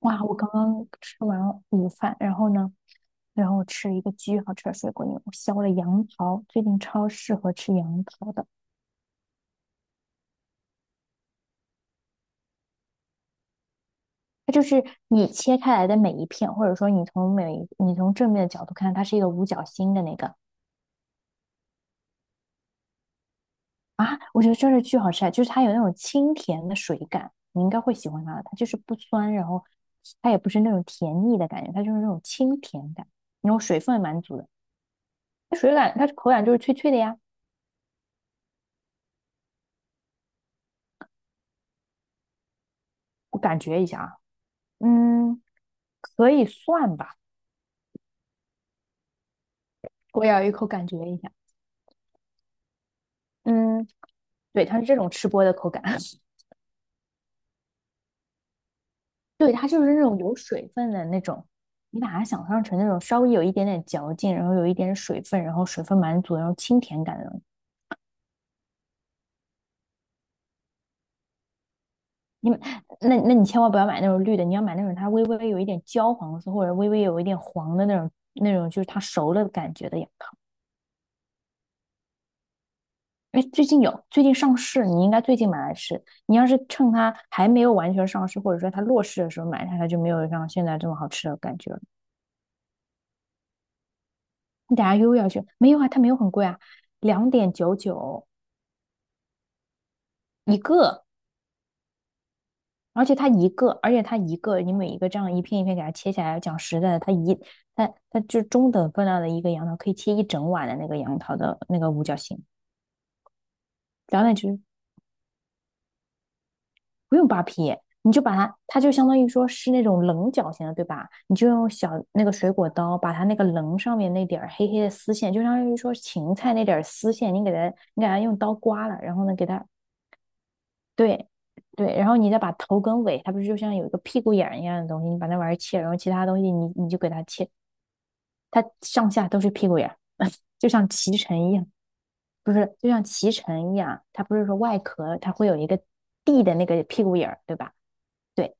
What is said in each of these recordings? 哇，我刚刚吃完午饭，然后呢,我吃了一个巨好吃的水果泥，我削了杨桃，最近超适合吃杨桃的。它就是你切开来的每一片，或者说你从正面的角度看，它是一个五角星的那个。啊，我觉得真是巨好吃啊！就是它有那种清甜的水感，你应该会喜欢它的。它就是不酸，然后它也不是那种甜腻的感觉，它就是那种清甜感，然后水分也蛮足的。它口感就是脆脆的呀，我感觉一下啊，嗯。可以算吧，我咬一口感觉一下。嗯，对，它是这种吃播的口感，对，它就是那种有水分的那种。你把它想象成那种稍微有一点点嚼劲，然后有一点水分，然后水分满足，然后清甜感的。那种。你那你千万不要买那种绿的，你要买那种它微微有一点焦黄色，或者微微有一点黄的那种，就是它熟了的感觉的呀。哎，最近上市，你应该最近买来吃。你要是趁它还没有完全上市，或者说它落市的时候买它，它就没有像现在这么好吃的感觉了。你等下又要去，没有啊，它没有很贵啊，2.99一个，而且它一个,你每一个这样一片一片给它切下来，讲实在的，它一它它就中等分量的一个杨桃，可以切一整碗的那个杨桃的那个五角星，两点九不用扒皮，你就把它，它就相当于说是那种棱角形的，对吧？你就用小那个水果刀把它那个棱上面那点儿黑黑的丝线，就相当于说芹菜那点儿丝线，你给它用刀刮了，然后呢，给它。对对，然后你再把头跟尾，它不是就像有一个屁股眼儿一样的东西，你把那玩意儿切，然后其他东西你就给它切，它上下都是屁股眼儿，就像脐橙一样。不是，就像脐橙一样，它不是说外壳它会有一个地的那个屁股眼儿，对吧？对，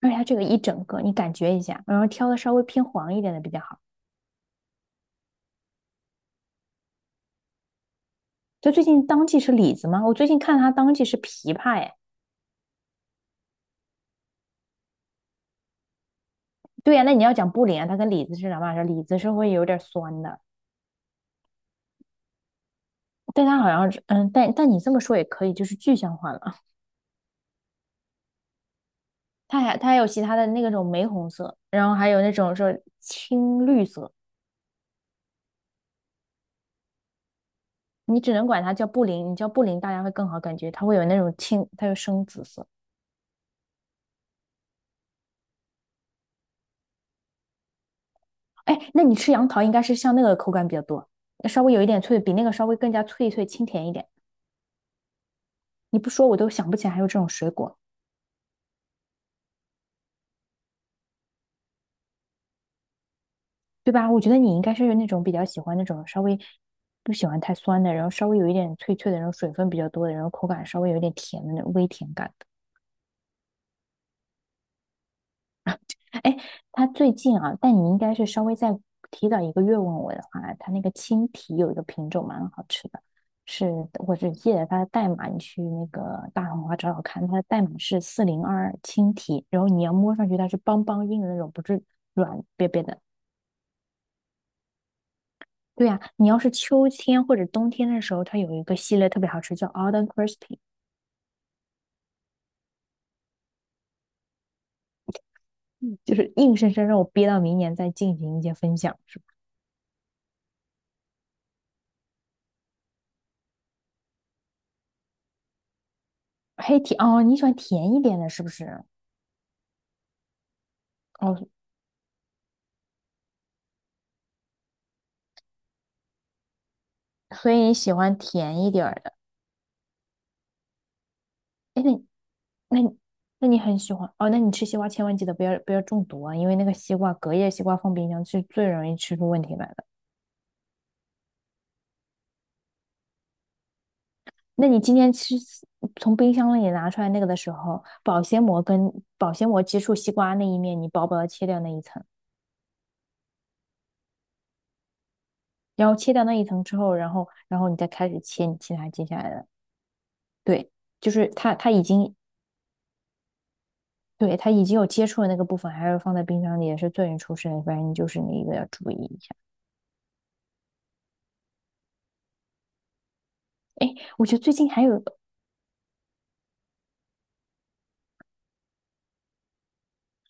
而且它这个一整个你感觉一下，然后挑的稍微偏黄一点的比较好。就最近当季是李子吗？我最近看它当季是枇杷哎。对呀、啊，那你要讲布林啊，它跟李子是两码事，李子是会有点酸的，但它好像但你这么说也可以，就是具象化了啊。它还有其他的那种玫红色，然后还有那种说青绿色，你只能管它叫布林，你叫布林大家会更好感觉，它会有那种青，它有深紫色。哎，那你吃杨桃应该是像那个口感比较多，稍微有一点脆，比那个稍微更加脆脆清甜一点。你不说我都想不起来还有这种水果，对吧？我觉得你应该是那种比较喜欢那种稍微不喜欢太酸的，然后稍微有一点脆脆的，然后水分比较多的，然后口感稍微有一点甜的那种微甜感。哎，它最近啊，但你应该是稍微再提早一个月问我的话，它那个青提有一个品种蛮好吃的，是我是记得它的代码，你去那个大红花找找看，它的代码是402青提，然后你要摸上去它是邦邦硬的那种，不是软瘪瘪的。对啊，你要是秋天或者冬天的时候，它有一个系列特别好吃，叫 Alden Crispy,就是硬生生让我憋到明年再进行一些分享，是吧？黑甜哦，你喜欢甜一点的，是不是？哦，所以你喜欢甜一点儿的。哎，那你那你很喜欢哦？那你吃西瓜千万记得不要中毒啊，因为那个西瓜隔夜西瓜放冰箱是最容易吃出问题来的。那你今天吃从冰箱里拿出来那个的时候，保鲜膜跟保鲜膜接触西瓜那一面，你薄薄的切掉那一层。然后切掉那一层之后，然后你再开始切你其他接下来的。对，就是它已经对，它已经有接触的那个部分，还是放在冰箱里也是最容易出事的，反正你就是那一个要注意一下。哎，我觉得最近还有，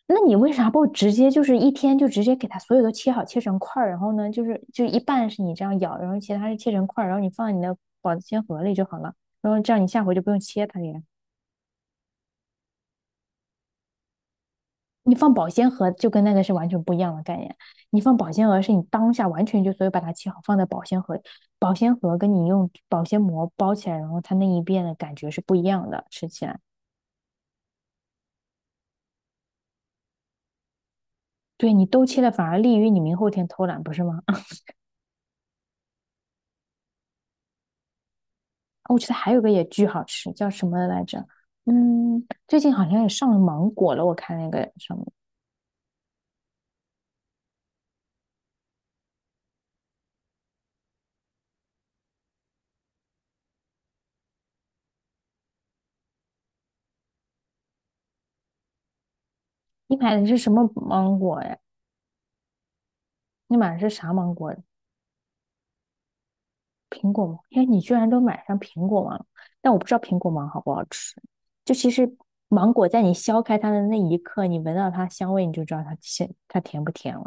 那你为啥不直接就是一天就直接给它所有都切好，切成块儿，然后呢就是就一半是你这样咬，然后其他是切成块儿，然后你放在你的保鲜盒里就好了，然后这样你下回就不用切它了呀。你放保鲜盒就跟那个是完全不一样的概念。你放保鲜盒是你当下完全就所以把它切好放在保鲜盒，保鲜盒跟你用保鲜膜包起来，然后它那一遍的感觉是不一样的，吃起来。对你都切了，反而利于你明后天偷懒，不是吗？啊，我觉得还有个也巨好吃，叫什么来着？嗯，最近好像也上了芒果了，我看那个什么，你买的是什么芒果呀？你买的是啥芒果呀？苹果芒，哎，你居然都买上苹果芒了，但我不知道苹果芒好不好吃。就其实芒果在你削开它的那一刻，你闻到它香味，你就知道它甜，它甜不甜了。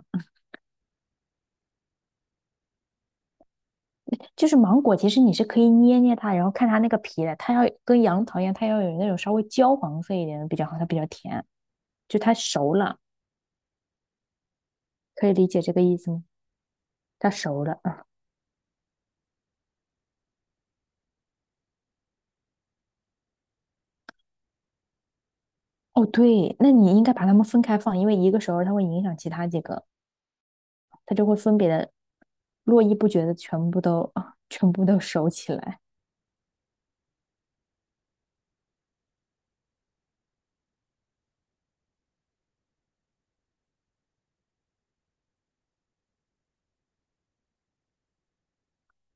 就是芒果，其实你是可以捏捏它，然后看它那个皮的，它要跟杨桃一样，它要有那种稍微焦黄色一点的比较好，它比较甜。就它熟了，可以理解这个意思吗？它熟了。哦，对，那你应该把它们分开放，因为一个熟了它会影响其他几个。它就会分别的络绎不绝的全部都收起来。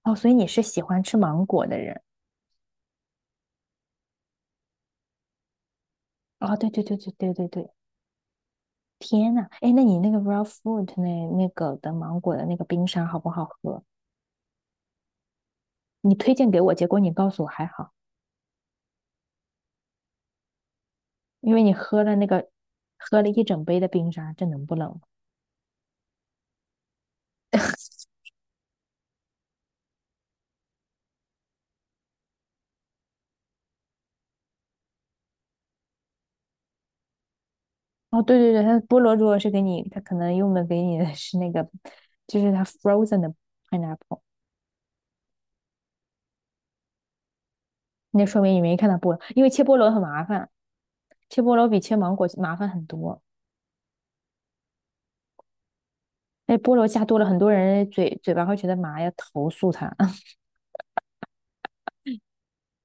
哦，所以你是喜欢吃芒果的人。哦，对对对对对对对，天呐，哎，那你那个 raw fruit 那个的芒果的那个冰沙好不好喝？你推荐给我，结果你告诉我还好，因为你喝了一整杯的冰沙，这能不冷吗？哦，对对对，它菠萝如果是给你，它可能用的给你的是那个，就是它 frozen 的 pineapple。那说明你没看到菠萝，因为切菠萝很麻烦，切菠萝比切芒果麻烦很多。那菠萝加多了，很多人嘴巴会觉得麻，要投诉他。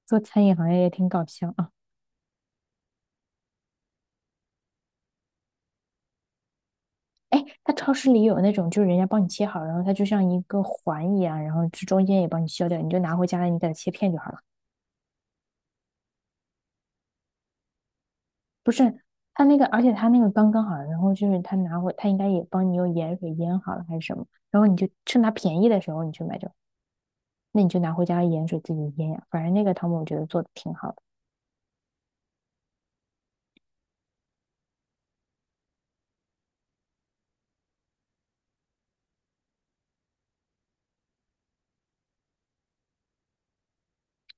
做餐饮行业也挺搞笑啊！哎，他超市里有那种，就是人家帮你切好，然后它就像一个环一样，然后这中间也帮你削掉，你就拿回家了，你给它切片就好了。不是，他那个刚刚好，然后就是他拿回，他应该也帮你用盐水腌好了还是什么，然后你就趁它便宜的时候你去买就，那你就拿回家盐水自己腌呀。反正那个汤姆我觉得做的挺好的。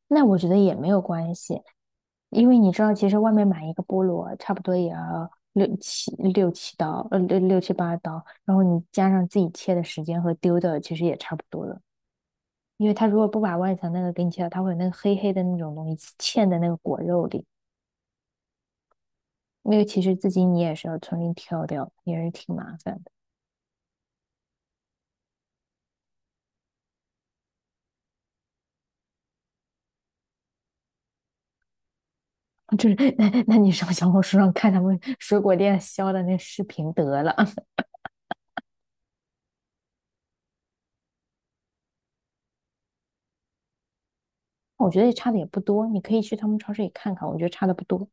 那我觉得也没有关系，因为你知道，其实外面买一个菠萝差不多也要六七八刀，然后你加上自己切的时间和丢的，其实也差不多了。因为它如果不把外层那个给你切掉，它会有那个黑黑的那种东西嵌在那个果肉里，那个其实自己你也是要重新挑掉，也是挺麻烦的。就是 那你上小红书上看他们水果店削的那视频得了，我觉得也差的也不多，你可以去他们超市里看看，我觉得差的不多。